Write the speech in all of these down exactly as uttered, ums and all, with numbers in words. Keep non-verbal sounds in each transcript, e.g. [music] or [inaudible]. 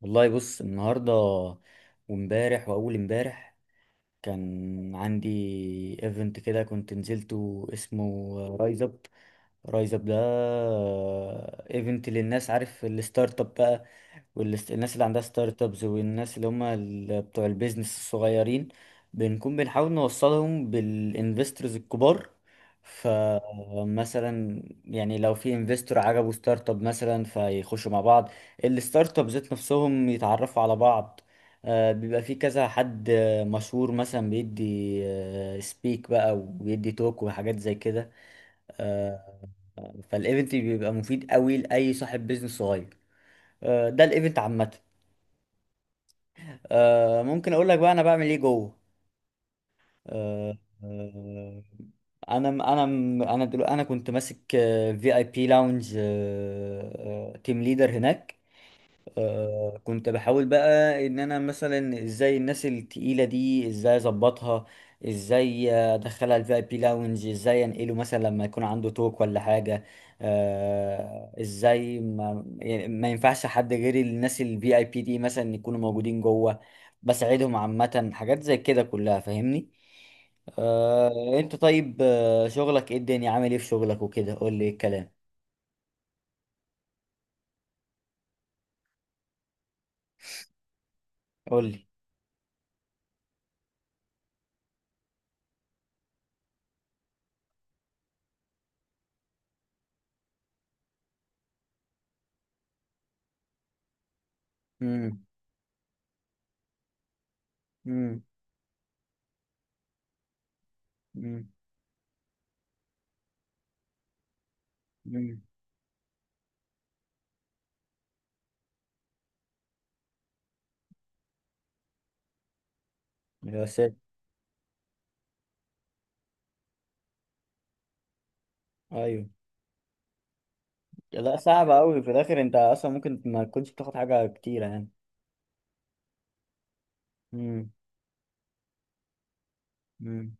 والله بص النهارده وامبارح واول امبارح كان عندي ايفنت كده كنت نزلته اسمه رايز اب. رايز اب ده ايفنت للناس، عارف الستارت اب بقى، والناس اللي عندها ستارت ابز والناس اللي هم ال- بتوع البيزنس الصغيرين. بنكون بنحاول نوصلهم بالانفسترز الكبار. فمثلا يعني لو في انفستور عجبه ستارت اب مثلا فيخشوا مع بعض، الستارت اب ذات نفسهم يتعرفوا على بعض. آه، بيبقى في كذا حد آه، مشهور مثلا بيدي سبيك بقى وبيدي توك وحاجات زي كده. آه، فالايفنت بيبقى مفيد قوي لاي صاحب بيزنس صغير. آه، ده الايفنت عامه. آه، ممكن اقول لك بقى انا بعمل ايه جوه. آه، آه، انا انا انا دلوقتي انا كنت ماسك في اي بي لاونج، تيم ليدر هناك. آه، كنت بحاول بقى ان انا مثلا ازاي الناس التقيله دي ازاي اظبطها، ازاي ادخلها الفي اي بي لاونج، ازاي انقله مثلا لما يكون عنده توك ولا حاجه. آه، ازاي ما, يعني ما ينفعش حد غير الناس الفي اي بي دي مثلا يكونوا موجودين جوه. بساعدهم عامه، حاجات زي كده كلها، فاهمني. آه، انت طيب، آه، شغلك ايه؟ الدنيا عامل ايه في شغلك وكده؟ قول لي ايه الكلام. قول لي. امم. امم. امم. ايوه. لا صعب قوي في الاخر، انت اصلا ممكن ما تكونش بتاخد حاجه كتيره يعني. امم. امم.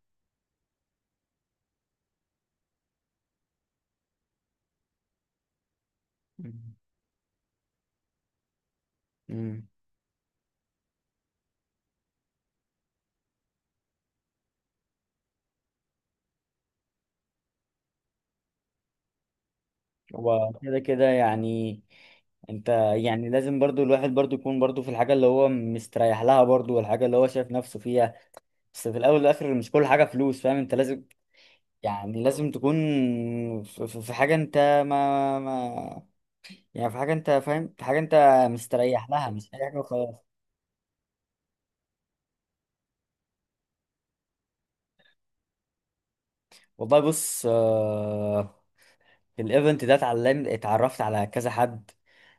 امم. هو كده كده يعني. انت يعني لازم برضو الواحد برضو يكون برضو في الحاجه اللي هو مستريح لها برضو والحاجه اللي هو شايف نفسه فيها. بس في الاول والاخر مش كل حاجه فلوس، فاهم؟ انت لازم، يعني لازم تكون في في- في حاجه انت ما, ما يعني في حاجه انت فاهم، في حاجه انت مستريح لها، مش اي حاجه وخلاص. والله بص، آه، الايفنت ده اتعلمت، اتعرفت على كذا حد.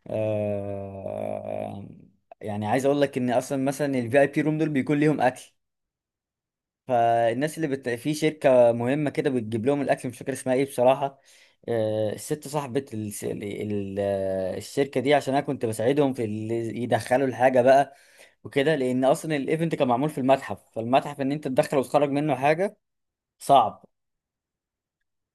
آه، يعني عايز اقول لك ان اصلا مثلا الفي اي بي روم دول بيكون ليهم اكل. فالناس اللي بت... في شركه مهمه كده بتجيب لهم الاكل، مش فاكر اسمها ايه بصراحه. آه، الست صاحبه ال... ال... ال- الشركه دي، عشان انا كنت بساعدهم في اللي يدخلوا الحاجه بقى وكده، لان اصلا الايفنت كان معمول في المتحف، فالمتحف ان انت تدخل وتخرج منه حاجه صعب.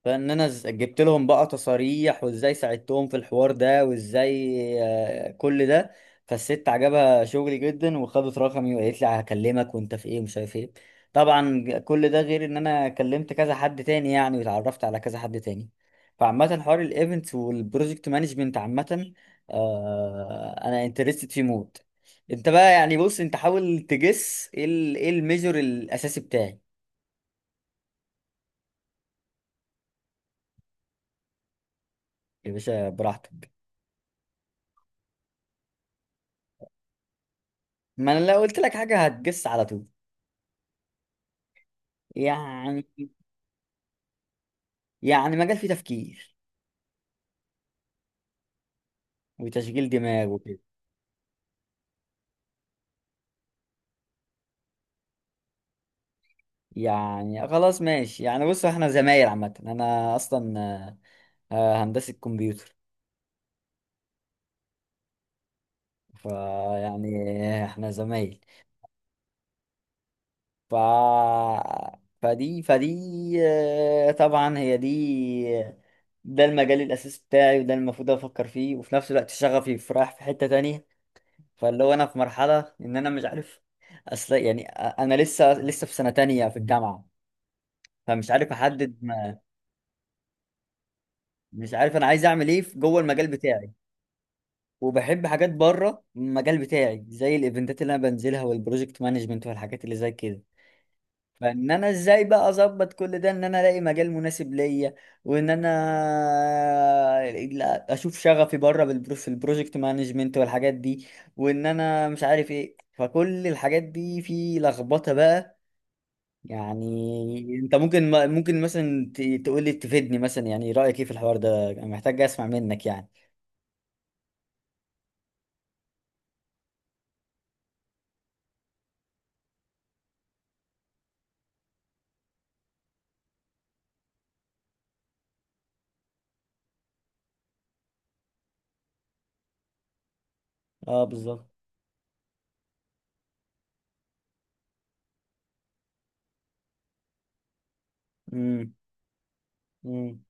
فان انا ز- جبت لهم بقى تصاريح، وازاي ساعدتهم في الحوار ده وازاي، آه، كل ده. فالست عجبها شغلي جدا وخدت رقمي وقالت لي هكلمك وانت في ايه ومش عارف ايه. طبعا ج- كل ده غير ان انا كلمت كذا حد تاني يعني، واتعرفت على كذا حد تاني. فعامة حوار الايفنتس والبروجكت مانجمنت عامة، آه، انا انترستد فيه موت. انت بقى يعني بص، انت حاول تجس ايه ال- ايه الميجور الاساسي بتاعي. يا باشا براحتك. ما انا لو قلت لك حاجه هتجس على طول. يعني يعني مجال فيه تفكير وتشغيل دماغ وكده. يعني خلاص ماشي، يعني بص احنا زمايل عامه. انا اصلا آه، آه، هندسه كمبيوتر. فيعني احنا زمايل. ف فدي فدي آه، طبعا هي دي، ده المجال الاساسي بتاعي، وده المفروض افكر فيه. وفي نفس الوقت شغفي في رايح في حته تانية. فاللي هو انا في مرحله ان انا مش عارف. اصل يعني انا لسه لسه في سنه تانية في الجامعه، فمش عارف احدد ما. مش عارف انا عايز اعمل ايه في جوه المجال بتاعي، وبحب حاجات بره المجال بتاعي زي الايفنتات اللي انا بنزلها والبروجكت مانجمنت والحاجات اللي زي كده. فان انا ازاي بقى اظبط كل ده ان انا الاقي مجال مناسب ليا، وان انا لا- اشوف شغفي بره بالبرو في البروجكت مانجمنت والحاجات دي، وان انا مش عارف ايه. فكل الحاجات دي في لخبطه بقى. يعني انت ممكن ممكن مثلا ت- تقول لي، تفيدني مثلا، يعني رأيك ايه في الحوار ده؟ انا محتاج اسمع منك يعني. اه بالظبط. امم. امم.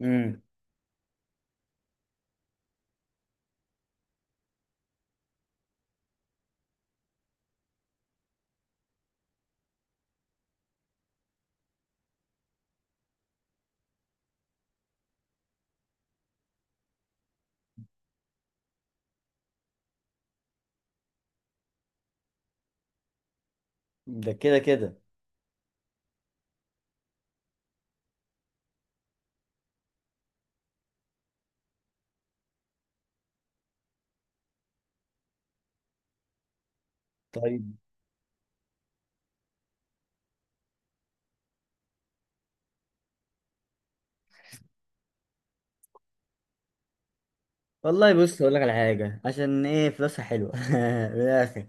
امم. ده كده كده. طيب، والله بص اقول لك على حاجه، عشان ايه؟ فلوسها حلوه [laughs] من الاخر.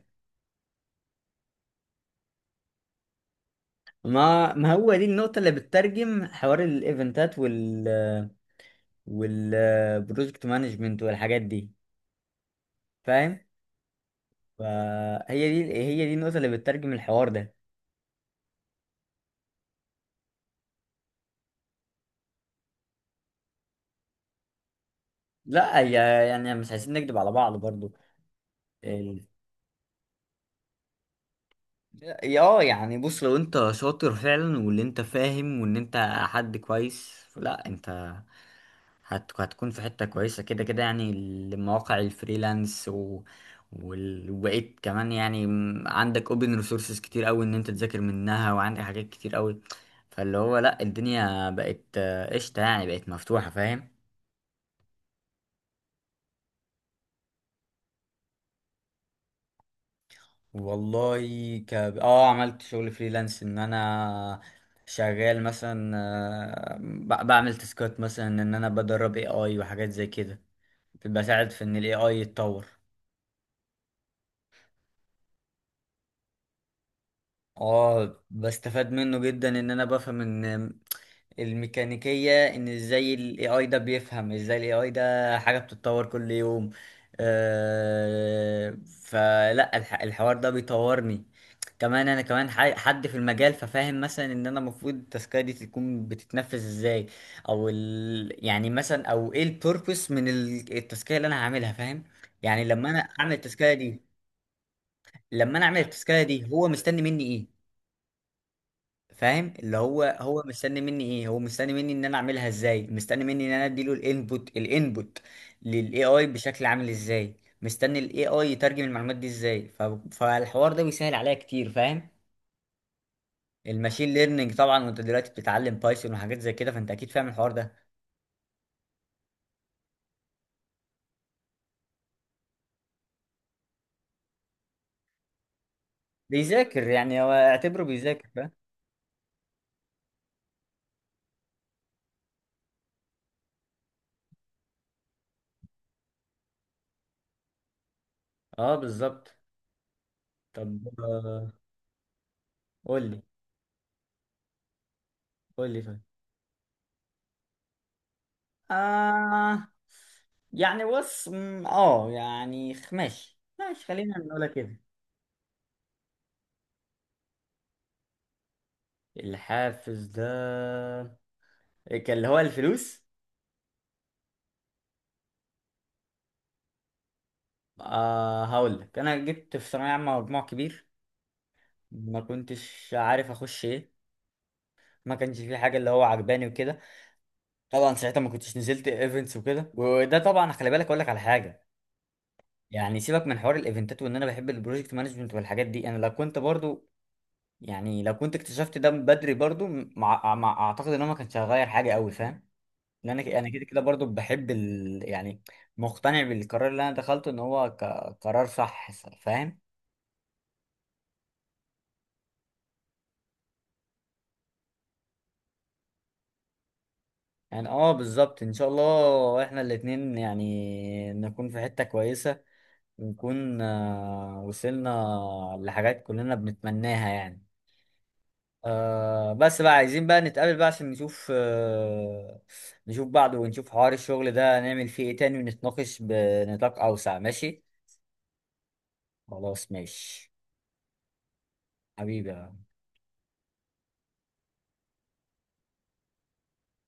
ما ما هو دي النقطه اللي بتترجم حوار الايفنتات وال والبروجكت مانجمنت والحاجات دي، فاهم؟ فهي دي، هي دي النقطه اللي بتترجم الحوار ده. لا هي، يعني مش عايزين نكذب على بعض. برضو اه، يعني بص لو انت شاطر فعلا، واللي انت فاهم، وان انت حد كويس، لا انت هت- هتكون في حتة كويسة كده كده يعني. المواقع الفريلانس و... وال- وبقيت كمان، يعني م- عندك اوبن ريسورسز كتير قوي ان انت تذاكر منها، وعندك حاجات كتير قوي. فاللي هو لا، الدنيا بقت آه، قشطة يعني، بقت مفتوحة، فاهم؟ والله، ك... اه عملت شغل فريلانس، ان انا شغال مثلا آه، ب- بعمل تاسكات مثلا، ان انا بدرب اي اي وحاجات زي كده، بساعد في ان الاي اي يتطور. اه بستفاد منه جدا، ان انا بفهم ان الميكانيكية ان ازاي ال إيه آي ده بيفهم، ازاي ال إيه آي ده حاجة بتتطور كل يوم. آه، فلا الح- الحوار ده بيطورني. كمان انا كمان ح- حد في المجال، ففاهم مثلا ان انا المفروض التاسكية دي تكون بتتنفذ ازاي، او ال يعني مثلا او ايه البيربس من ال- التاسكية اللي انا هعملها، فاهم؟ يعني لما انا اعمل التاسكية دي، لما انا اعمل التاسكية دي هو مستني مني إيه؟ فاهم؟ اللي هو هو مستني مني ايه، هو مستني مني ان انا اعملها ازاي، مستني مني ان انا اديله الانبوت الانبوت للاي اي بشكل عامل ازاي، مستني الاي اي يترجم المعلومات دي ازاي. ف... فالحوار ده بيسهل عليا كتير، فاهم؟ الماشين ليرنينج طبعا، وانت دلوقتي بتتعلم بايثون وحاجات زي كده، فانت اكيد فاهم الحوار ده. بيذاكر يعني، هو اعتبره بيذاكر، فاهم؟ اه بالظبط. طب آه، قول لي، قول لي طيب. آه يعني بص، م، اه يعني خ- ماشي ماشي، خلينا نقولها كده. الحافز ده كان اللي هو الفلوس. آه هقول لك، انا جبت في ثانويه عامه مجموع كبير، ما كنتش عارف اخش ايه، ما كانش في حاجه اللي هو عجباني وكده. طبعا ساعتها ما كنتش نزلت ايفنتس وكده، وده طبعا خلي بالك، اقول لك على حاجه. يعني سيبك من حوار الايفنتات وان انا بحب البروجكت مانجمنت والحاجات دي، انا لو كنت برضو يعني لو كنت اكتشفت ده بدري برضو، مع... مع... اعتقد ان انا ما كانش هغير حاجه قوي، فاهم؟ ان انا ك- انا كده كده برضو بحب ال... يعني مقتنع بالقرار اللي انا دخلته ان هو ك... قرار صح، ف- فاهم؟ يعني اه بالظبط، ان شاء الله احنا الاتنين يعني نكون في حتة كويسة، ونكون آه، وصلنا لحاجات كلنا بنتمناها يعني. آه، بس بقى عايزين بقى نتقابل بقى عشان نشوف آه، نشوف بعض ونشوف حوار الشغل ده نعمل فيه ايه تاني، ونتناقش بنطاق اوسع، ماشي؟ خلاص ماشي، حبيبي.